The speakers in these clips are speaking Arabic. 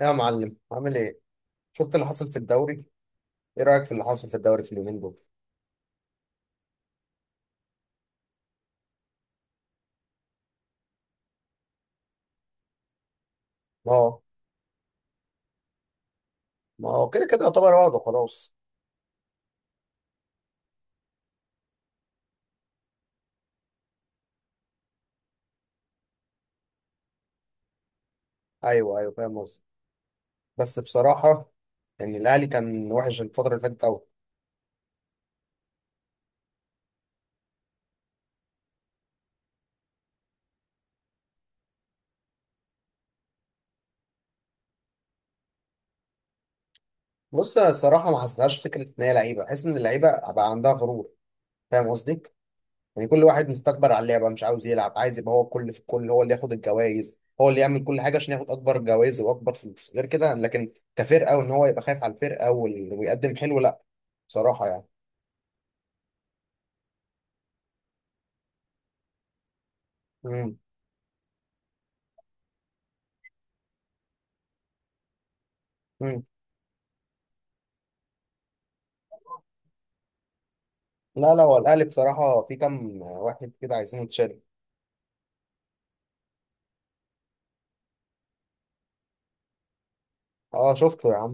يا معلم، عامل ايه؟ شفت اللي حصل في الدوري؟ ايه رأيك في اللي حصل في الدوري في اليومين دول؟ ما هو ما هو كده كده يعتبر وضعه خلاص. ايوه ايوه، فاهم قصدي. بس بصراحة يعني الاهلي كان وحش الفترة اللي فاتت قوي. بص، أنا الصراحة ما حسيتهاش فكرة ان هي لعيبة، بحس ان اللعيبة بقى عندها غرور. فاهم قصدي؟ يعني كل واحد مستكبر على اللعبة، مش عاوز يلعب، عايز يبقى هو الكل في الكل، هو اللي ياخد الجوائز، هو اللي يعمل كل حاجة عشان ياخد أكبر جوائز وأكبر فلوس، غير كده. لكن كفرقة، وإن هو يبقى خايف على الفرقة ويقدم حلو، لأ. بصراحة يعني. مم. مم. لا لا، هو الاهلي بصراحه في كام واحد كده عايزين يتشال. اه، شفته يا عم.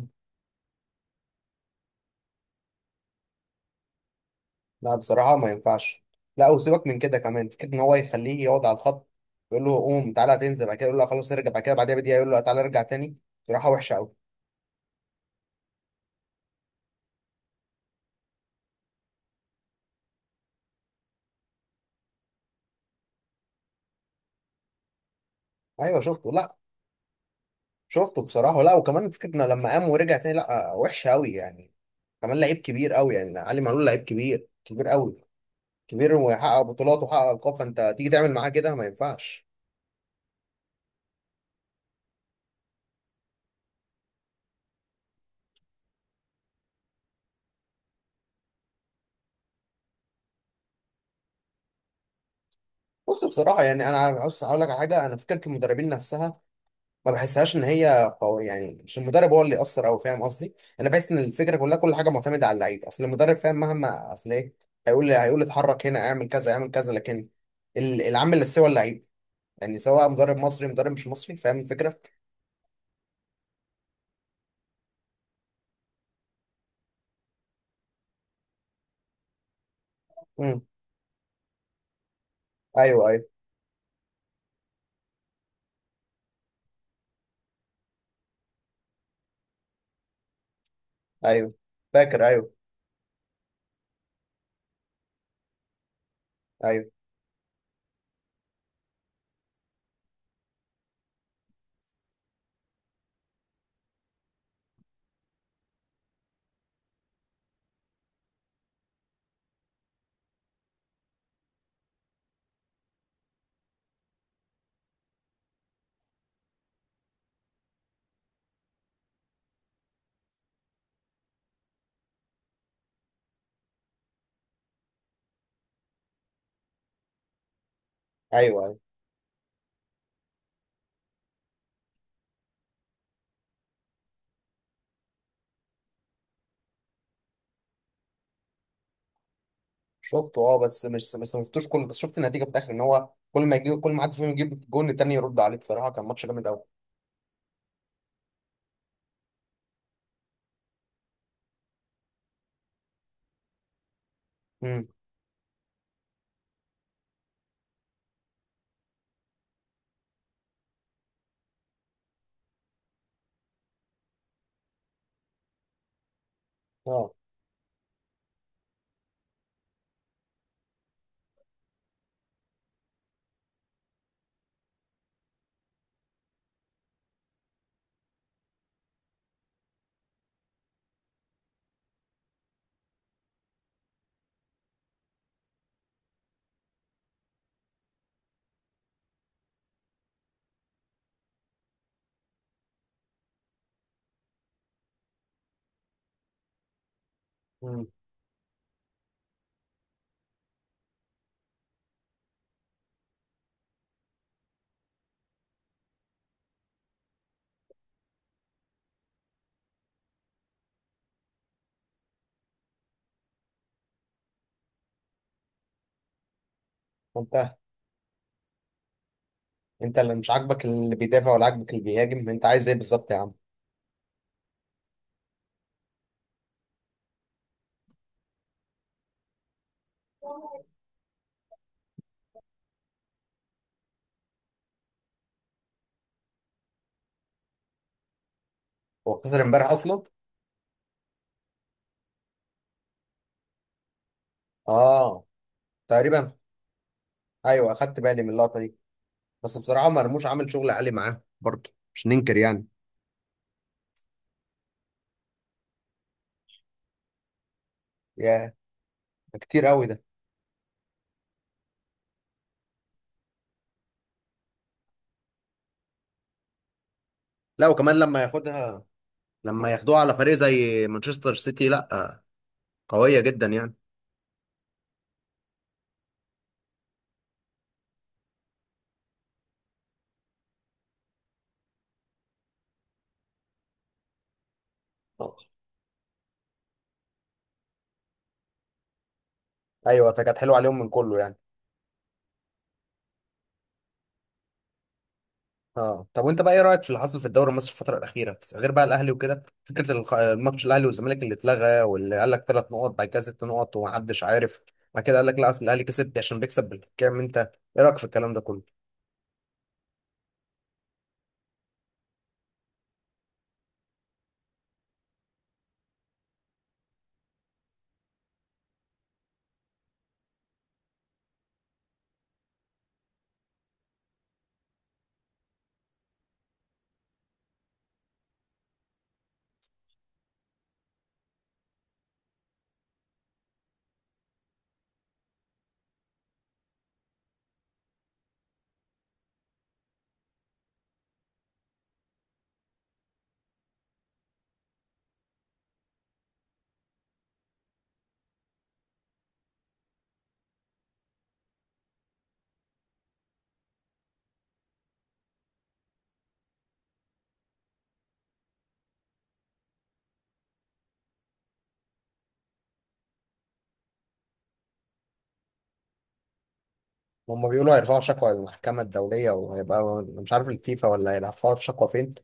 لا بصراحه ما ينفعش. لا وسيبك من كده، كمان فكره ان هو يخليه يقعد على الخط، يقول له قوم تعالى تنزل، بعد كده يقول له خلاص ارجع، بعد كده بعدها بدقيقه يقول له تعالى ارجع تاني. بصراحه وحشه قوي. ايوه شفته. لا، شفته بصراحه. لا وكمان فكره انه لما قام ورجع تاني، لا وحشه قوي يعني. كمان لعيب كبير قوي يعني، علي معلول لعيب كبير كبير قوي، كبير ويحقق بطولات وحقق القاب، فانت تيجي تعمل معاه كده ما ينفعش. بص بصراحة يعني أنا عاوز أقول لك على حاجة. أنا فكرة المدربين نفسها ما بحسهاش إن هي قوية يعني، مش المدرب هو اللي يأثر. أو فاهم قصدي؟ أنا بحس إن الفكرة كلها، كل حاجة معتمدة على اللعيب. أصل المدرب فاهم، مهما أصل إيه، هيقول لي اتحرك هنا، اعمل كذا اعمل كذا، لكن العامل اللي هو اللعيب. يعني سواء مدرب مصري مدرب مش مصري، فاهم الفكرة؟ امم. أيوه أيوه. أيوه، فاكر. أيوه. أيوه أيوه أيوه شفته. أه بس مش بس ما شفتوش كله، بس شفت النتيجة في الآخر، إن هو كل ما يجيب كل ما حد فيهم يجيب جون التاني يرد عليه. بصراحة كان ماتش جامد أوي. امم. اه. مم. منتهى. انت اللي مش عاجبك اللي بيدافع ولا عاجبك اللي بيهاجم؟ انت عايز ايه بالظبط يا عم؟ هو خسر امبارح اصلا؟ اه. تقريبا. ايوه، اخدت بالي من اللقطه دي. بس بصراحه مرموش عامل شغل عالي معاه برضه، مش ننكر يعني. يا، ده كتير قوي ده. لا وكمان لما ياخدها، لما ياخدوها على فريق زي مانشستر سيتي، لا قويه جدا يعني. آه. ايوه، فكانت حلوه عليهم من كله يعني. اه طب، وانت بقى ايه رايك في اللي حصل في الدوري المصري الفتره الاخيره، غير بقى الاهلي وكده، فكره الماتش الاهلي والزمالك اللي اتلغى، واللي قال لك ثلاث نقط بعد كده ست نقط ومحدش عارف، بعد كده قال لك لا اصل الاهلي كسب عشان بيكسب بالحكام؟ انت ايه رايك في الكلام ده كله؟ هم بيقولوا هيرفعوا شكوى للمحكمه الدوليه وهيبقى مش عارف الفيفا، ولا هيرفعوا شكوى فين،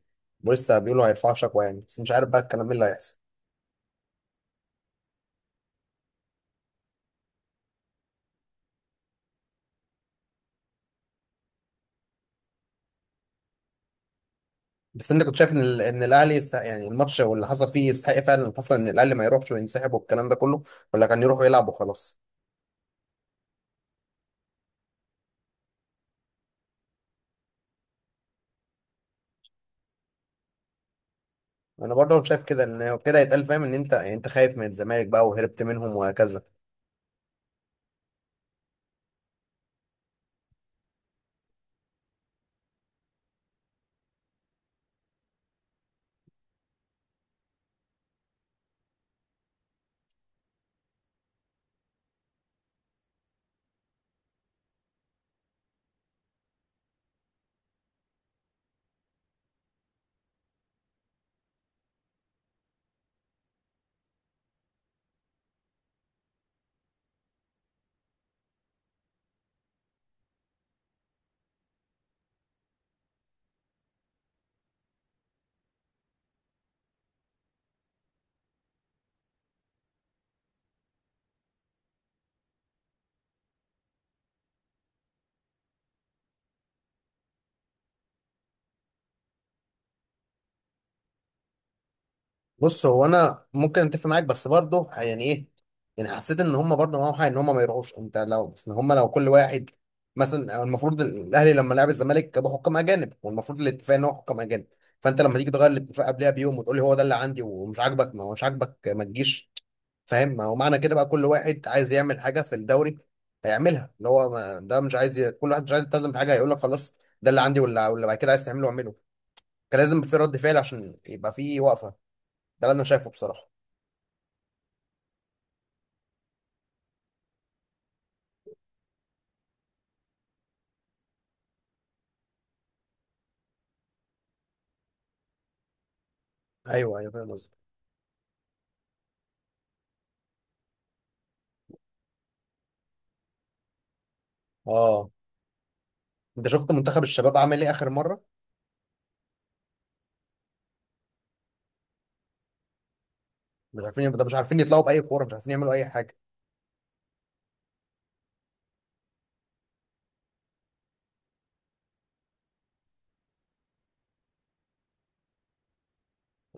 ولسه بيقولوا هيرفعوا شكوى يعني. بس مش عارف بقى الكلام ايه اللي هيحصل. بس انت كنت شايف ان ان الاهلي يستحق يعني الماتش واللي حصل فيه، يستحق فعلا اللي حصل ان الاهلي ما يروحش وينسحب والكلام ده كله، ولا كان يروح ويلعب وخلاص؟ انا برضه شايف كده، ان كده يتقال فاهم، ان انت يعني انت خايف من الزمالك بقى وهربت منهم وهكذا. بص هو انا ممكن اتفق معاك، بس برضه يعني ايه، يعني حسيت ان هم برضه معاهم حق ان هم ما يروحوش. انت لو ان هم لو كل واحد، مثلا المفروض الاهلي لما لعب الزمالك جابوا حكام اجانب، والمفروض الاتفاق ان هو حكام اجانب. فانت لما تيجي تغير الاتفاق قبلها بيوم وتقول لي هو ده اللي عندي ومش عاجبك، ما هو مش عاجبك ما تجيش. فاهم؟ ما هو معنى كده بقى كل واحد عايز يعمل حاجه في الدوري هيعملها، اللي هو ما ده مش عايز كل واحد مش عايز يلتزم بحاجه، هيقول لك خلاص ده اللي عندي، واللي بعد كده عايز تعمله اعمله. كان لازم في رد فعل عشان يبقى في وقفه. ده اللي انا شايفه بصراحه. ايوه ايوه، فاهم قصدك. اه انت شفت منتخب الشباب عمل ايه اخر مره؟ مش عارفين، ده مش عارفين يطلعوا باي كوره، مش عارفين يعملوا اي حاجه.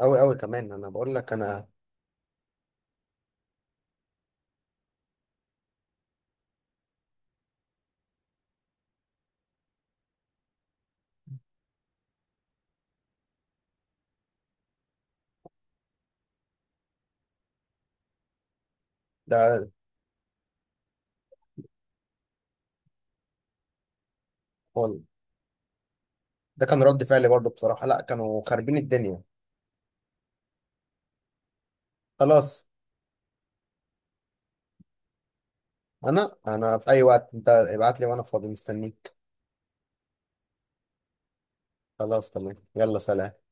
قوي قوي، كمان انا بقول لك انا. ده هو ده كان رد فعلي برضه بصراحه، لا كانوا خاربين الدنيا. خلاص. انا في اي وقت انت ابعت لي وانا فاضي مستنيك. خلاص تمام، يلا سلام.